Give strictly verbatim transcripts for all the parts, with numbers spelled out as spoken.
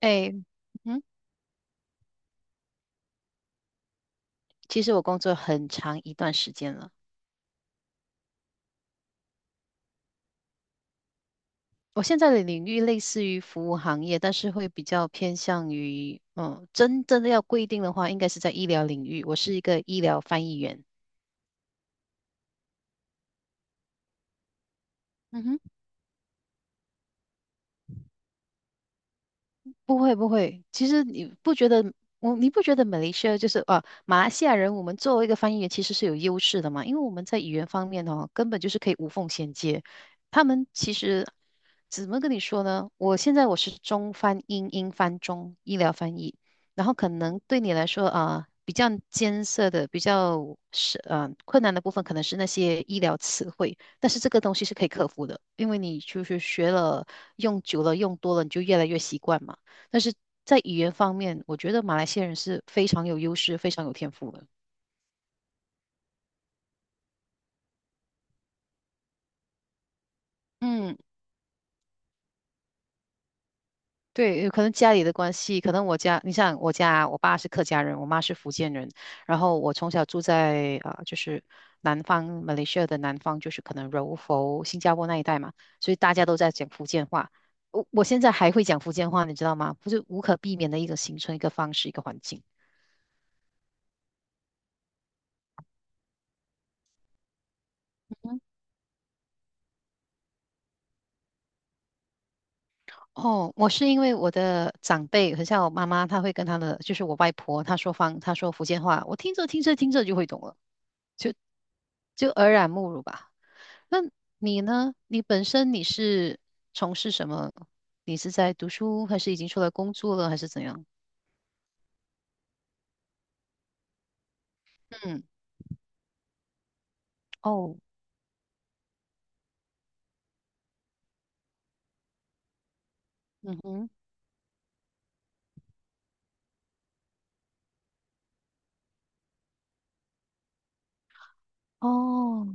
哎，嗯，其实我工作很长一段时间了。我现在的领域类似于服务行业，但是会比较偏向于，嗯，真正的要规定的话，应该是在医疗领域。我是一个医疗翻译员。嗯哼。不会不会，其实你不觉得我你不觉得马来西亚就是啊马来西亚人，我们作为一个翻译员其实是有优势的嘛，因为我们在语言方面哦，根本就是可以无缝衔接。他们其实怎么跟你说呢？我现在我是中翻英，英翻中，医疗翻译，然后可能对你来说啊、比较艰涩的、比较是呃困难的部分，可能是那些医疗词汇。但是这个东西是可以克服的，因为你就是学了，用久了，用多了，你就越来越习惯嘛。但是在语言方面，我觉得马来西亚人是非常有优势、非常有天赋的。嗯，对，有可能家里的关系，可能我家，你像我家，我爸是客家人，我妈是福建人，然后我从小住在啊、呃就是南方，马来西亚的南方，就是可能柔佛、新加坡那一带嘛，所以大家都在讲福建话。我我现在还会讲福建话，你知道吗？不是无可避免的一个形成一个方式，一个环境。哦，我是因为我的长辈，很像我妈妈，她会跟她的，就是我外婆，她说方，她说福建话，我听着听着听着就会懂了，就耳濡目染吧。那你呢？你本身你是从事什么？你是在读书，还是已经出来工作了，还是怎样？嗯，哦，嗯哼，哦，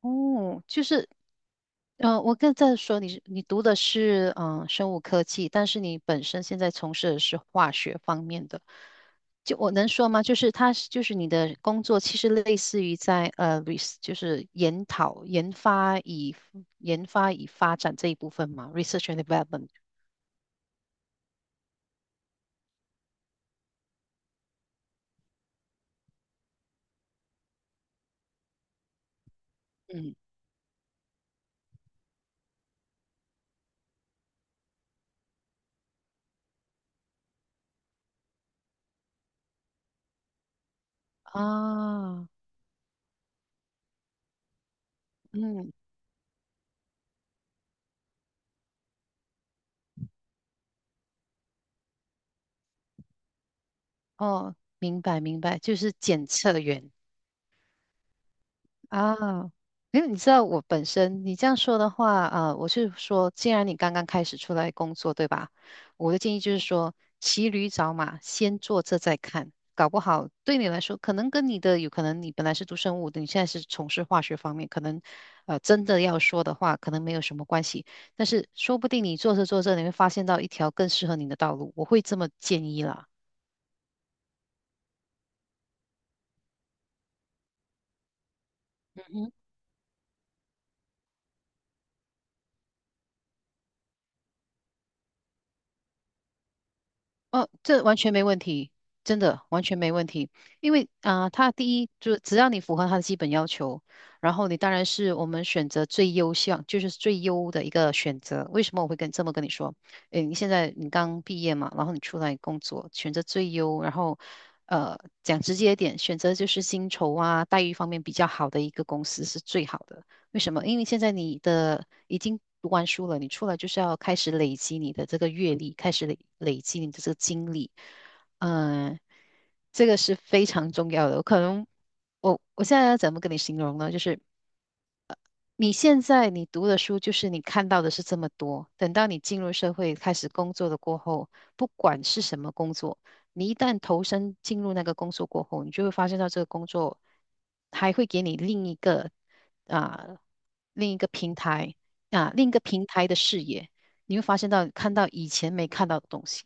哦，就是嗯，我刚在说你是你读的是嗯、呃生物科技，但是你本身现在从事的是化学方面的，就我能说吗？就是它是就是你的工作其实类似于在呃 res 就是研讨研发以研发以发展这一部分嘛，research and development。嗯，啊，嗯，哦，明白明白，就是检测员。啊，因为你知道我本身，你这样说的话，啊，我是说，既然你刚刚开始出来工作，对吧？我的建议就是说，骑驴找马，先做这再看，搞不好对你来说，可能跟你的有可能，你本来是读生物的，你现在是从事化学方面，可能，呃，真的要说的话，可能没有什么关系，但是说不定你做着做着，你会发现到一条更适合你的道路，我会这么建议啦。哦，这完全没问题，真的完全没问题。因为啊、他第一就是只要你符合他的基本要求，然后你当然是我们选择最优项，就是最优的一个选择。为什么我会跟这么跟你说？诶，你现在你刚毕业嘛，然后你出来工作，选择最优，然后呃，讲直接一点，选择就是薪酬啊、待遇方面比较好的一个公司是最好的。为什么？因为现在你的已经读完书了，你出来就是要开始累积你的这个阅历，开始累累积你的这个经历。嗯，这个是非常重要的。我可能我我现在要怎么跟你形容呢？就是你现在你读的书就是你看到的是这么多，等到你进入社会开始工作的过后，不管是什么工作，你一旦投身进入那个工作过后，你就会发现到这个工作还会给你另一个啊、另一个平台啊、另一个平台的视野，你会发现到看到以前没看到的东西。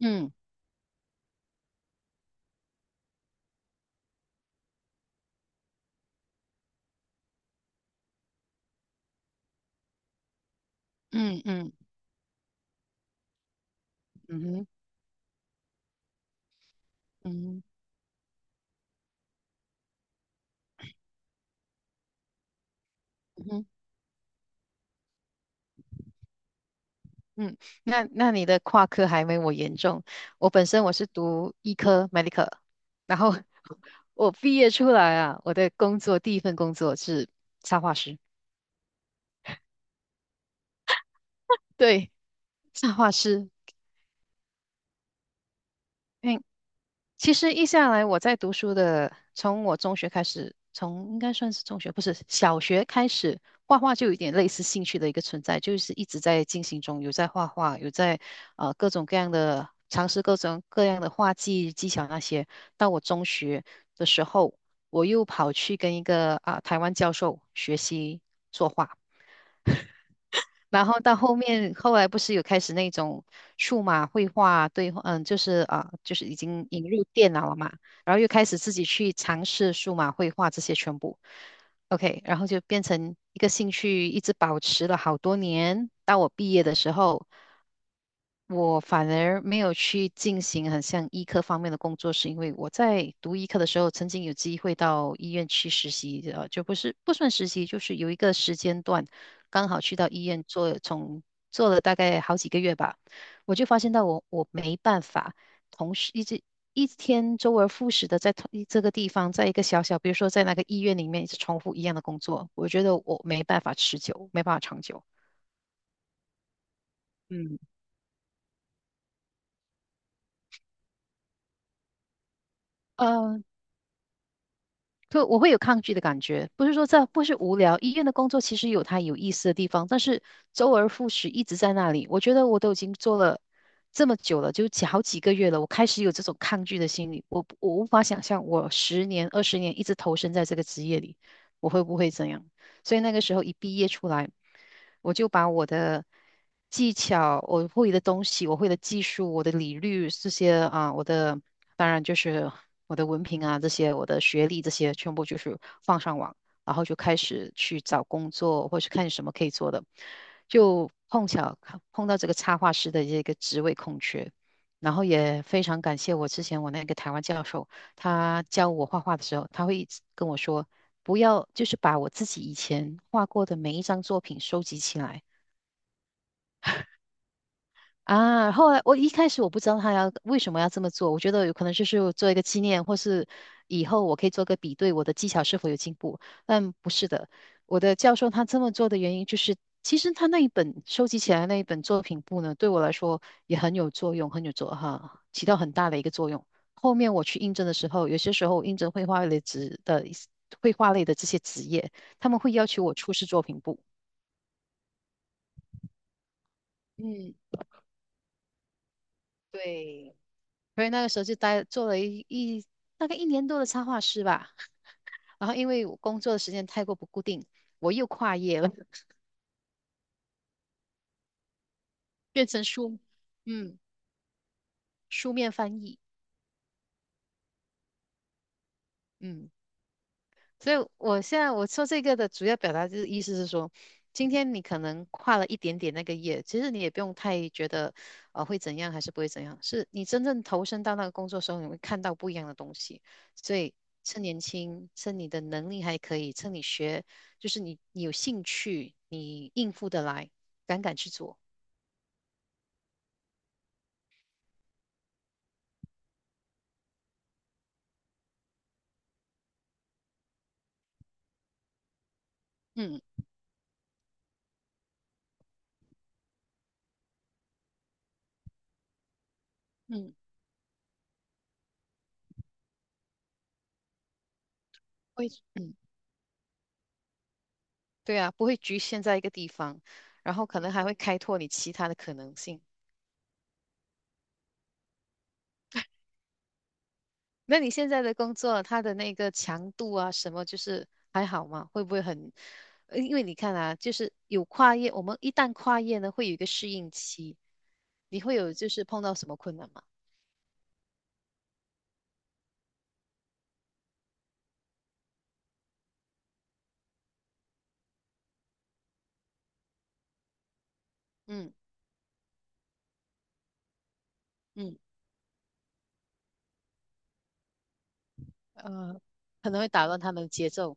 嗯嗯嗯嗯哼嗯哼嗯哼。嗯，那那你的跨科还没我严重。我本身我是读医科 medical，然后 我毕业出来啊，我的工作第一份工作是插画师。对，插画师，因其实一下来，我在读书的，从我中学开始，从应该算是中学，不是小学开始，画画就有点类似兴趣的一个存在，就是一直在进行中，有在画画，有在呃各种各样的尝试各种各样的画技技巧那些。到我中学的时候，我又跑去跟一个啊、台湾教授学习作画。然后到后面，后来不是有开始那种数码绘画对话嗯，就是啊，就是已经引入电脑了嘛，然后又开始自己去尝试数码绘画这些全部，OK，然后就变成一个兴趣，一直保持了好多年。到我毕业的时候，我反而没有去进行很像医科方面的工作，是因为我在读医科的时候，曾经有机会到医院去实习，呃，就不是不算实习，就是有一个时间段。刚好去到医院做，从做了大概好几个月吧，我就发现到我我没办法同时一直一天周而复始的在同这个地方，在一个小小，比如说在那个医院里面一直重复一样的工作，我觉得我没办法持久，没办法长久。嗯，呃，就我会有抗拒的感觉，不是说这不是无聊，医院的工作其实有它有意思的地方，但是周而复始一直在那里，我觉得我都已经做了这么久了，就几好几个月了，我开始有这种抗拒的心理，我我无法想象我十年二十年一直投身在这个职业里，我会不会怎样？所以那个时候一毕业出来，我就把我的。技巧，我会的东西，我会的技术，我的理律这些啊，我的当然就是我的文凭啊，这些我的学历这些全部就是放上网，然后就开始去找工作，或是看什么可以做的，就碰巧看碰到这个插画师的这个职位空缺，然后也非常感谢我之前我那个台湾教授，他教我画画的时候，他会一直跟我说。不要，就是把我自己以前画过的每一张作品收集起来，啊，后来我一开始我不知道他要为什么要这么做，我觉得有可能就是做一个纪念，或是以后我可以做个比对，我的技巧是否有进步。但不是的，我的教授他这么做的原因就是，其实他那一本收集起来那一本作品簿呢，对我来说也很有作用，很有作哈，起到很大的一个作用。后面我去应征的时候，有些时候我应征绘画类职的一些绘画类的这些职业，他们会要求我出示作品簿。嗯，对，所以那个时候就待做了一一大概一年多的插画师吧。然后因为我工作的时间太过不固定，我又跨业了，变成书，嗯，书面翻译，嗯，所以我现在我说这个的主要表达就是意思是说，今天你可能跨了一点点那个业，其实你也不用太觉得呃会怎样还是不会怎样，是你真正投身到那个工作的时候，你会看到不一样的东西。所以趁年轻，趁你的能力还可以，趁你学，就是你你有兴趣，你应付得来，敢敢去做。嗯，嗯，会，嗯，对啊，不会局限在一个地方，然后可能还会开拓你其他的可能性。那你现在的工作，它的那个强度啊，什么就是还好吗？会不会很？呃因为你看啊，就是有跨业，我们一旦跨业呢，会有一个适应期，你会有就是碰到什么困难吗？嗯，嗯，呃，可能会打乱他们的节奏。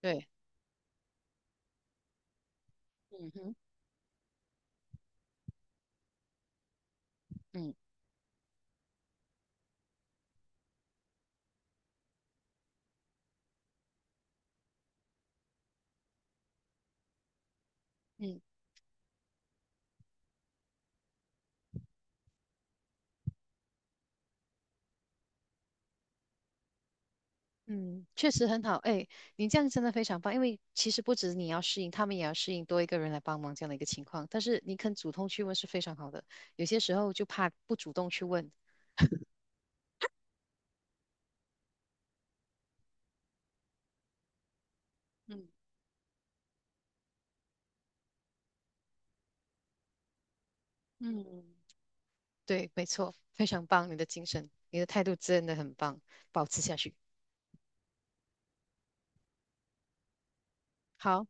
对，嗯哼，嗯，嗯，嗯，确实很好。哎，你这样真的非常棒，因为其实不止你要适应，他们也要适应多一个人来帮忙这样的一个情况。但是你肯主动去问是非常好的，有些时候就怕不主动去问。嗯。嗯，对，没错，非常棒，你的精神，你的态度真的很棒，保持下去。好，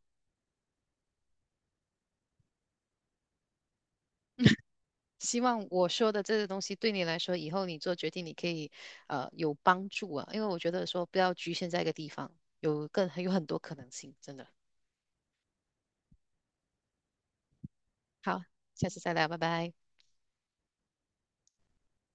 希望我说的这个东西对你来说，以后你做决定，你可以呃有帮助啊，因为我觉得说不要局限在一个地方，有更有很多可能性，真的。好，下次再聊，拜拜。